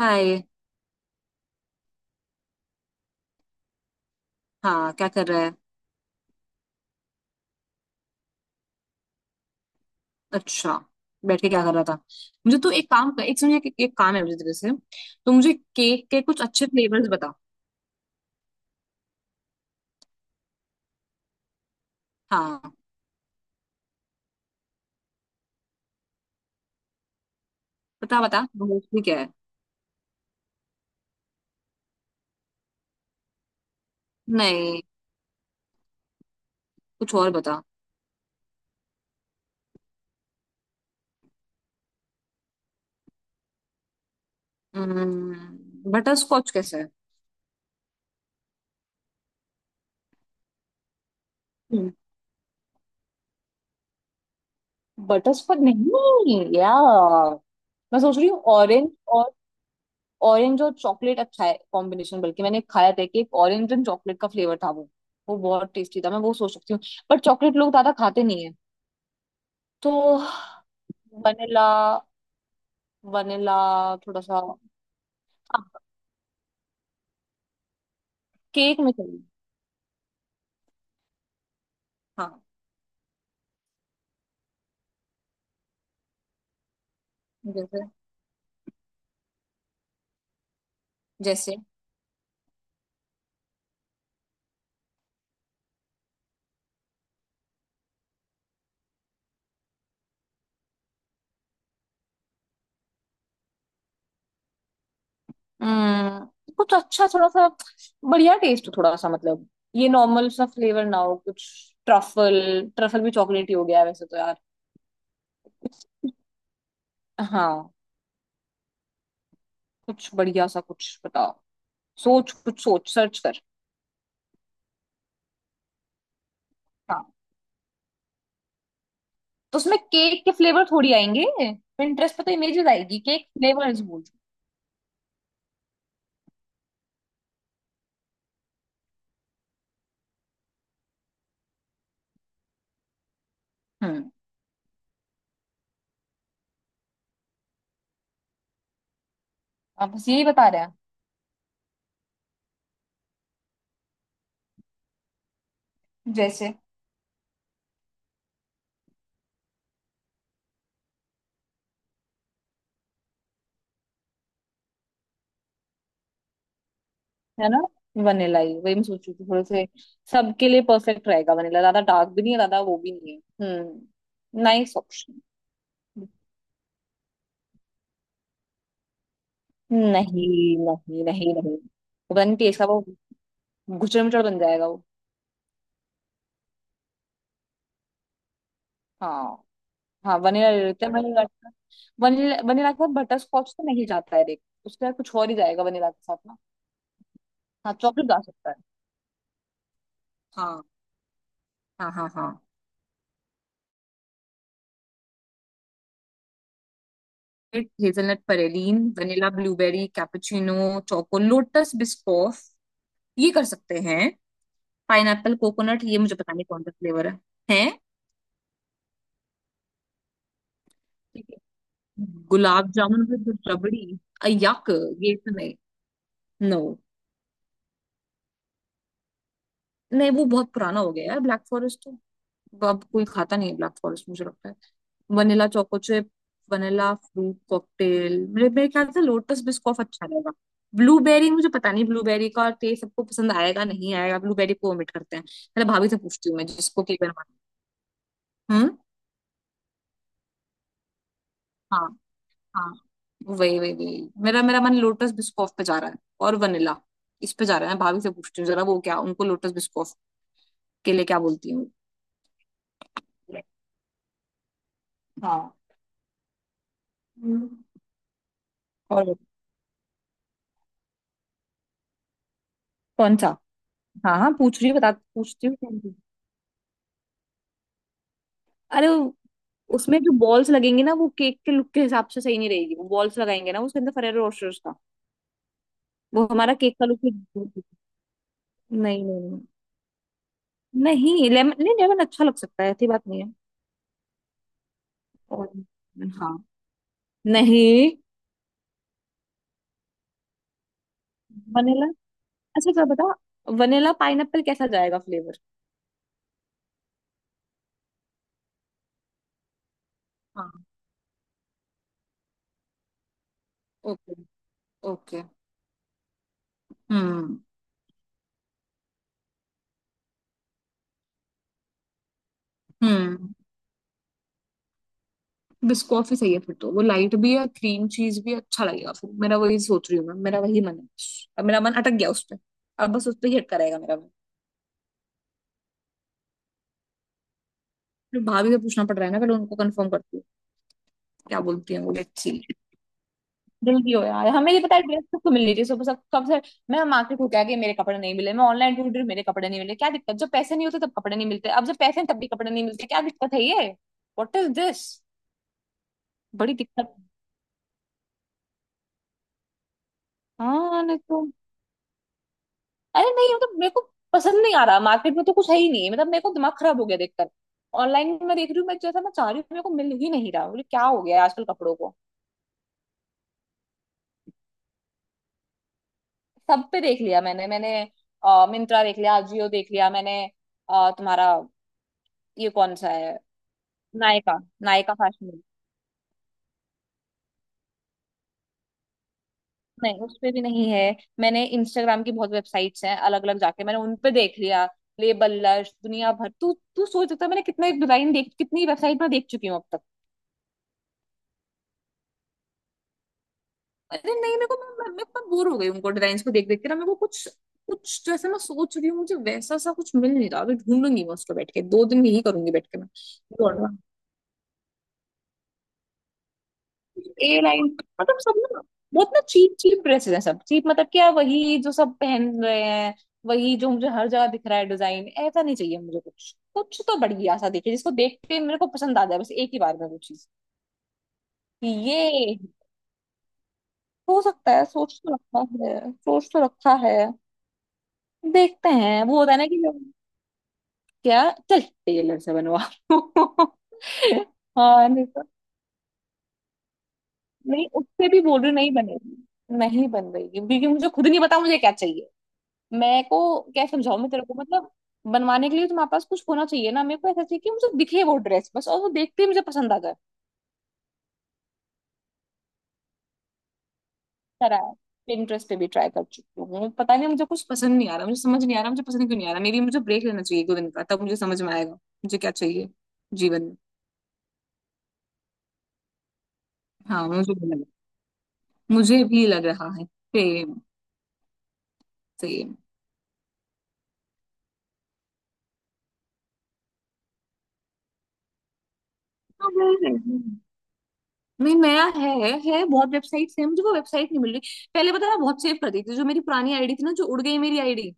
हाय। हाँ, क्या कर रहा है? अच्छा, बैठ के क्या कर रहा था? मुझे तू एक काम कर, एक सुनिए, एक काम है मुझे तेरे से। तो मुझे केक के कुछ अच्छे फ्लेवर्स बता। हाँ, बता बता मोस्टली क्या है। नहीं, कुछ और बता। बटर स्कॉच कैसा है? बटर स्कॉच नहीं यार। मैं सोच रही हूँ और ऑरेंज और चॉकलेट अच्छा है कॉम्बिनेशन। बल्कि मैंने खाया था कि एक ऑरेंज एंड चॉकलेट का फ्लेवर था वो। वो बहुत टेस्टी था, मैं वो सोच सकती हूँ। पर चॉकलेट लोग ज्यादा खाते नहीं है, तो वनीला। वनीला थोड़ा सा। हाँ, केक में चाहिए। हाँ। जैसे? जैसे? हम्म, कुछ अच्छा, थोड़ा सा बढ़िया टेस्ट हो। थोड़ा सा मतलब ये नॉर्मल सा फ्लेवर ना हो कुछ। ट्रफल। ट्रफल भी चॉकलेट ही हो गया है वैसे तो यार। कुछ, हाँ, कुछ बढ़िया सा कुछ बताओ। सोच, कुछ सोच, सर्च कर। हाँ, तो उसमें केक के फ्लेवर थोड़ी आएंगे। पिंटरेस्ट पे तो इमेजेस आएगी केक फ्लेवर्स बोल। हम्म। आप बस यही बता रहे हैं। जैसे? है ना। वनीला ही, वही मैं सोचू थी थोड़े से। सबके लिए परफेक्ट रहेगा वनीला। ज्यादा डार्क भी नहीं है, ज्यादा वो भी नहीं है। हम्म, नाइस ऑप्शन। नहीं। नहीं नहीं नहीं। पता नहीं टेस्ट का वो गुचड़ मुचड़ बन जाएगा वो। हाँ। हाँ, वनीला ले लेते हैं, वनीला का। वनीला, वनीला के साथ बटर स्कॉच तो नहीं जाता है देख, उसके साथ कुछ और ही जाएगा वनीला के साथ ना। हाँ, चॉकलेट जा सकता है। हाँ हाँ हाँ। हाँ, hazelnut praline, vanilla, blueberry, cappuccino, choco Lotus Biscoff, ये कर सकते हैं। पाइनएप्पल कोकोनट, ये मुझे पता नहीं कौन सा फ्लेवर है। है। ठीक है। गुलाब जामुन विद रबड़ी? यक। ये तो नहीं। नो। नहीं, वो बहुत पुराना हो गया है ब्लैक फॉरेस्ट, तो अब कोई खाता नहीं है ब्लैक फॉरेस्ट मुझे लगता है। Vanilla choco chip, vanilla fruit cocktail, मेरे मेरे ख्याल से लोटस बिस्कॉफ अच्छा रहेगा। ब्लूबेरी मुझे पता नहीं ब्लूबेरी का टेस्ट सबको पसंद आएगा नहीं आएगा, ब्लूबेरी को omit करते हैं। मेरे भाभी से पूछती हूँ मैं, जिसको केक बनाना। हम्म। हाँ हाँ। वही वही वही, मेरा मेरा मन लोटस बिस्कॉफ पे जा रहा है और वनीला, इस पे जा रहा है। मैं भाभी से पूछती हूँ जरा वो क्या, उनको लोटस बिस्कॉफ के लिए क्या बोलती हूँ। हाँ। हम्म। और कौन सा? हाँ हाँ, पूछ रही हूँ बता, पूछती हूँ कौन सी? अरे वो- उसमें जो बॉल्स लगेंगे ना, वो केक के लुक के हिसाब से सही नहीं रहेगी। वो बॉल्स लगाएंगे ना उसके अंदर फरेरो रोस्टर्स का। वो हमारा केक का लुक ही। नहीं नहीं। नहीं लेमन, नहीं लेमन अच्छा लग सकता है ऐसी बात नहीं है। और, हाँ। नहीं। वनीला, अच्छा क्या बता, वनीला पाइनएप्पल कैसा जाएगा फ्लेवर? हाँ। Okay okay. हम्म। हम्म, बिस्कॉफी सही है फिर, तो वो लाइट भी है, क्रीम चीज भी है, अच्छा लगेगा फिर। मेरा वही, सोच रही हूँ मैं, मेरा वही मन है। अब मेरा मन अटक गया उस पे। अब बस उस पे ही अटका रहेगा मेरा मन। फिर भाभी से पूछना पड़ रहा है ना, पहले उनको कंफर्म करती हूँ क्या बोलती है वो। लेट्स, दिल की हो यार। हमें ये पता है ड्रेस सबको मिलनी चाहिए सुबह, सब कब से। मैं मार्केट होके आ गई, मेरे कपड़े नहीं मिले। मैं ऑनलाइन ढूंढ रही हूँ, मेरे कपड़े नहीं मिले। क्या दिक्कत, जब पैसे नहीं होते तब कपड़े नहीं मिलते, अब जब पैसे हैं तब भी कपड़े नहीं मिलते। क्या दिक्कत है ये, व्हाट इज दिस, बड़ी दिक्कत। हाँ नहीं तो। अरे नहीं, मतलब मेरे को पसंद नहीं आ रहा। मार्केट में तो कुछ है ही नहीं, मतलब मेरे को दिमाग खराब हो गया देखकर। ऑनलाइन में देख रही हूँ मैं, जैसा मैं चाह रही हूँ मेरे को मिल ही नहीं रहा। बोले क्या हो गया है आजकल कपड़ों को। सब पे देख लिया मैंने मैंने। मिंत्रा देख लिया, अजियो देख लिया मैंने। तुम्हारा ये कौन सा है, नायका, नायका फैशन वीक? नहीं, उस पे भी नहीं है। मैंने इंस्टाग्राम की बहुत वेबसाइट्स हैं अलग अलग जाके मैंने उन पे देख लिया। लेबल लश दुनिया भर, तू तू सोच सकता है मैंने कितना डिजाइन देख, कितनी वेबसाइट में देख चुकी हूँ अब तक। अरे नहीं, मेरे को, मैं बोर हो गई उनको डिजाइन को देख देख के ना। मेरे को कुछ, कुछ जैसे मैं सोच रही हूँ मुझे वैसा सा कुछ मिल नहीं रहा। अभी ढूंढूंगी मैं उसको, बैठ के दो दिन यही करूंगी बैठ के मैं। ए लाइन, मतलब सब ना बहुत ना चीप चीप ड्रेसेस हैं सब, चीप मतलब क्या, वही जो सब पहन रहे हैं, वही जो मुझे हर जगह दिख रहा है डिजाइन। ऐसा नहीं चाहिए मुझे, कुछ कुछ तो बढ़िया सा दिखे जिसको देख के मेरे को पसंद आ जाए बस एक ही बार में वो चीज। कि ये हो सकता है, सोच तो रखा है, सोच तो रखा है। देखते हैं, वो होता है ना कि जब। क्या? चल टेलर से बनवा लो। हाँ नहीं तो। नहीं, उससे भी बोल रही हूँ, नहीं बनेगी। नहीं बन रही क्योंकि मुझे खुद नहीं पता मुझे क्या चाहिए। मैं को क्या समझाऊं मैं तेरे को, मतलब बनवाने के लिए तुम्हारे पास कुछ होना चाहिए ना। मेरे को ऐसा चाहिए कि मुझे दिखे वो ड्रेस बस, और वो देखते ही मुझे पसंद आ जाए। करा है, Pinterest पे भी ट्राई कर चुकी हूँ। पता नहीं मुझे कुछ पसंद नहीं आ रहा। मुझे समझ नहीं आ रहा मुझे पसंद क्यों नहीं आ रहा। मेरी, मुझे ब्रेक लेना चाहिए दो दिन का, तब मुझे समझ में आएगा मुझे क्या चाहिए जीवन में। हाँ, मुझे भी लग रहा है। सेम। सेम। नहीं, नया है बहुत वेबसाइट्स है, मुझे वो वेबसाइट नहीं मिल रही। पहले पता है मैं बहुत सेव कर देती थी जो मेरी पुरानी आईडी थी ना जो उड़ गई मेरी आईडी।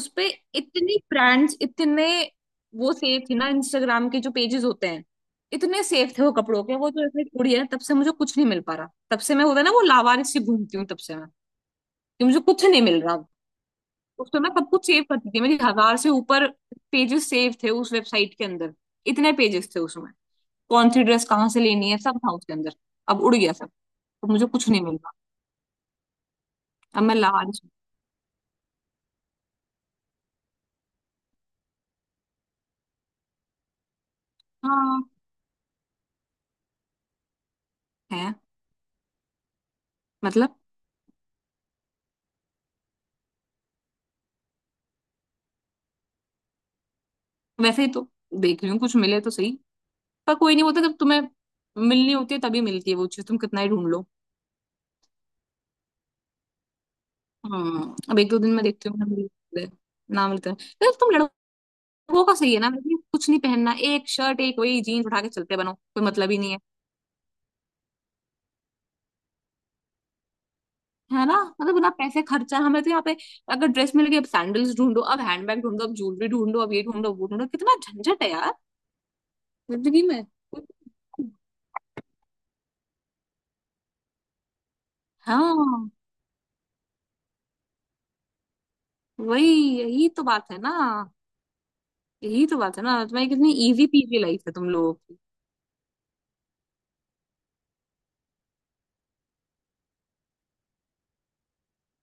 उसपे इतनी ब्रांड्स, इतने वो सेफ थी ना इंस्टाग्राम के जो पेजेस होते हैं, इतने सेफ थे वो कपड़ों के। वो जो इसने छोड़ी है ना, तब से मुझे कुछ नहीं मिल पा रहा। तब से मैं, होता है ना वो लावारिस सी घूमती हूँ तब से मैं, कि मुझे कुछ नहीं मिल रहा। उस तो मैं सब कुछ सेव करती थी, मेरी हजार से ऊपर पेजेस सेव थे उस वेबसाइट के अंदर। इतने पेजेस थे उसमें, कौन सी ड्रेस कहाँ से लेनी है सब था उसके अंदर। अब उड़ गया सब, तो मुझे कुछ नहीं मिल रहा। अब मैं लावारिस हूँ। हाँ। है। मतलब वैसे ही तो देख रही हूँ, कुछ मिले तो सही। पर कोई नहीं, बोलता जब तुम्हें मिलनी होती है तभी मिलती है वो चीज, तुम कितना ही ढूंढ लो। हम्म, अब एक दो दिन में देखती हूँ, ना मिलते हैं, ना मिलते हैं। यार तुम लड़कों का सही है ना, मतलब कुछ नहीं पहनना, एक शर्ट एक वही जीन्स उठा के चलते बनो, कोई मतलब ही नहीं है। है ना। मतलब बिना पैसे खर्चा, हमें तो यहाँ पे अगर ड्रेस मिल गई अब सैंडल्स ढूंढो अब हैंडबैग ढूंढो अब ज्वेलरी ढूंढो अब ये ढूंढो वो ढूंढो, कितना झंझट है यार जिंदगी में। हाँ, वही, यही तो बात है ना, यही तो बात है ना। तुम्हारी कितनी इजी पीजी लाइफ है तुम लोगों।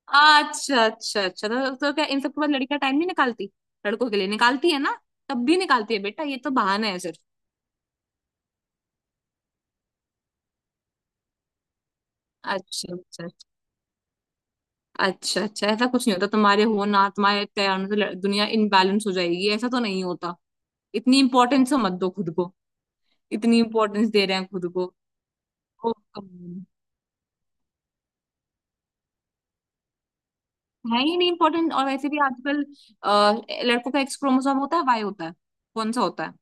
अच्छा अच्छा अच्छा, तो क्या इन सब के बाद लड़कियां टाइम नहीं निकालती? लड़कों के लिए निकालती है ना, तब भी निकालती है। बेटा ये तो बहाना है सिर्फ। अच्छा अच्छा अच्छा अच्छा, ऐसा कुछ नहीं होता तुम्हारे। हो ना, तुम्हारे तैयार होने से लड़- दुनिया इनबैलेंस हो जाएगी ऐसा तो नहीं होता। इतनी इंपॉर्टेंस मत दो खुद को, इतनी इंपॉर्टेंस दे रहे हैं खुद को। ओ, कम। है ही नहीं इम्पोर्टेंट, और वैसे भी आजकल लड़कों का एक्स क्रोमोसोम होता है, वाई होता है, कौन सा होता है।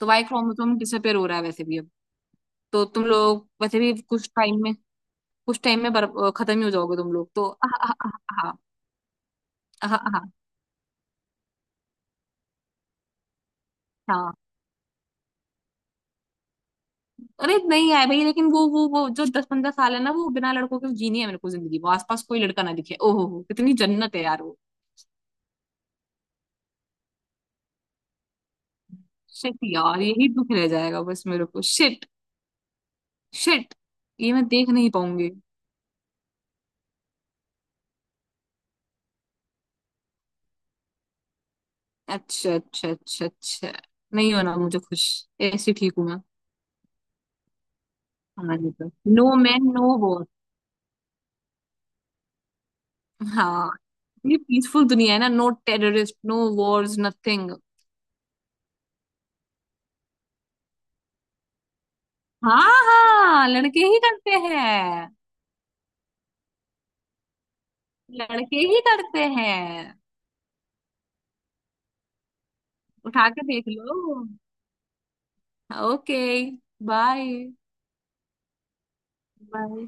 तो वाई क्रोमोसोम डिसअपेयर हो रहा है वैसे भी अब, तो तुम लोग वैसे भी कुछ टाइम में, कुछ टाइम में बर- खत्म ही हो जाओगे तुम लोग तो। आहा, आहा, आहा, आहा, आहा। हाँ, अरे नहीं आए भाई, लेकिन वो जो 10-15 साल है ना, वो बिना लड़कों के जीनी है मेरे को जिंदगी। वो आसपास कोई लड़का ना दिखे, ओहो हो कितनी जन्नत है यार वो। शिट यार, यही दुख रह जाएगा बस मेरे को, शिट, शिट, ये मैं देख नहीं पाऊंगी। अच्छा अच्छा अच्छा अच्छा, नहीं होना मुझे खुश, ऐसे ठीक हूं मैं। हाँ नहीं तो, नो मैन नो वॉर। हाँ, ये पीसफुल दुनिया है ना, no terrorist, no wars, nothing. हाँ, हाँ लड़के ही करते हैं, लड़के ही करते हैं। उठा के देख लो। Okay, bye bye.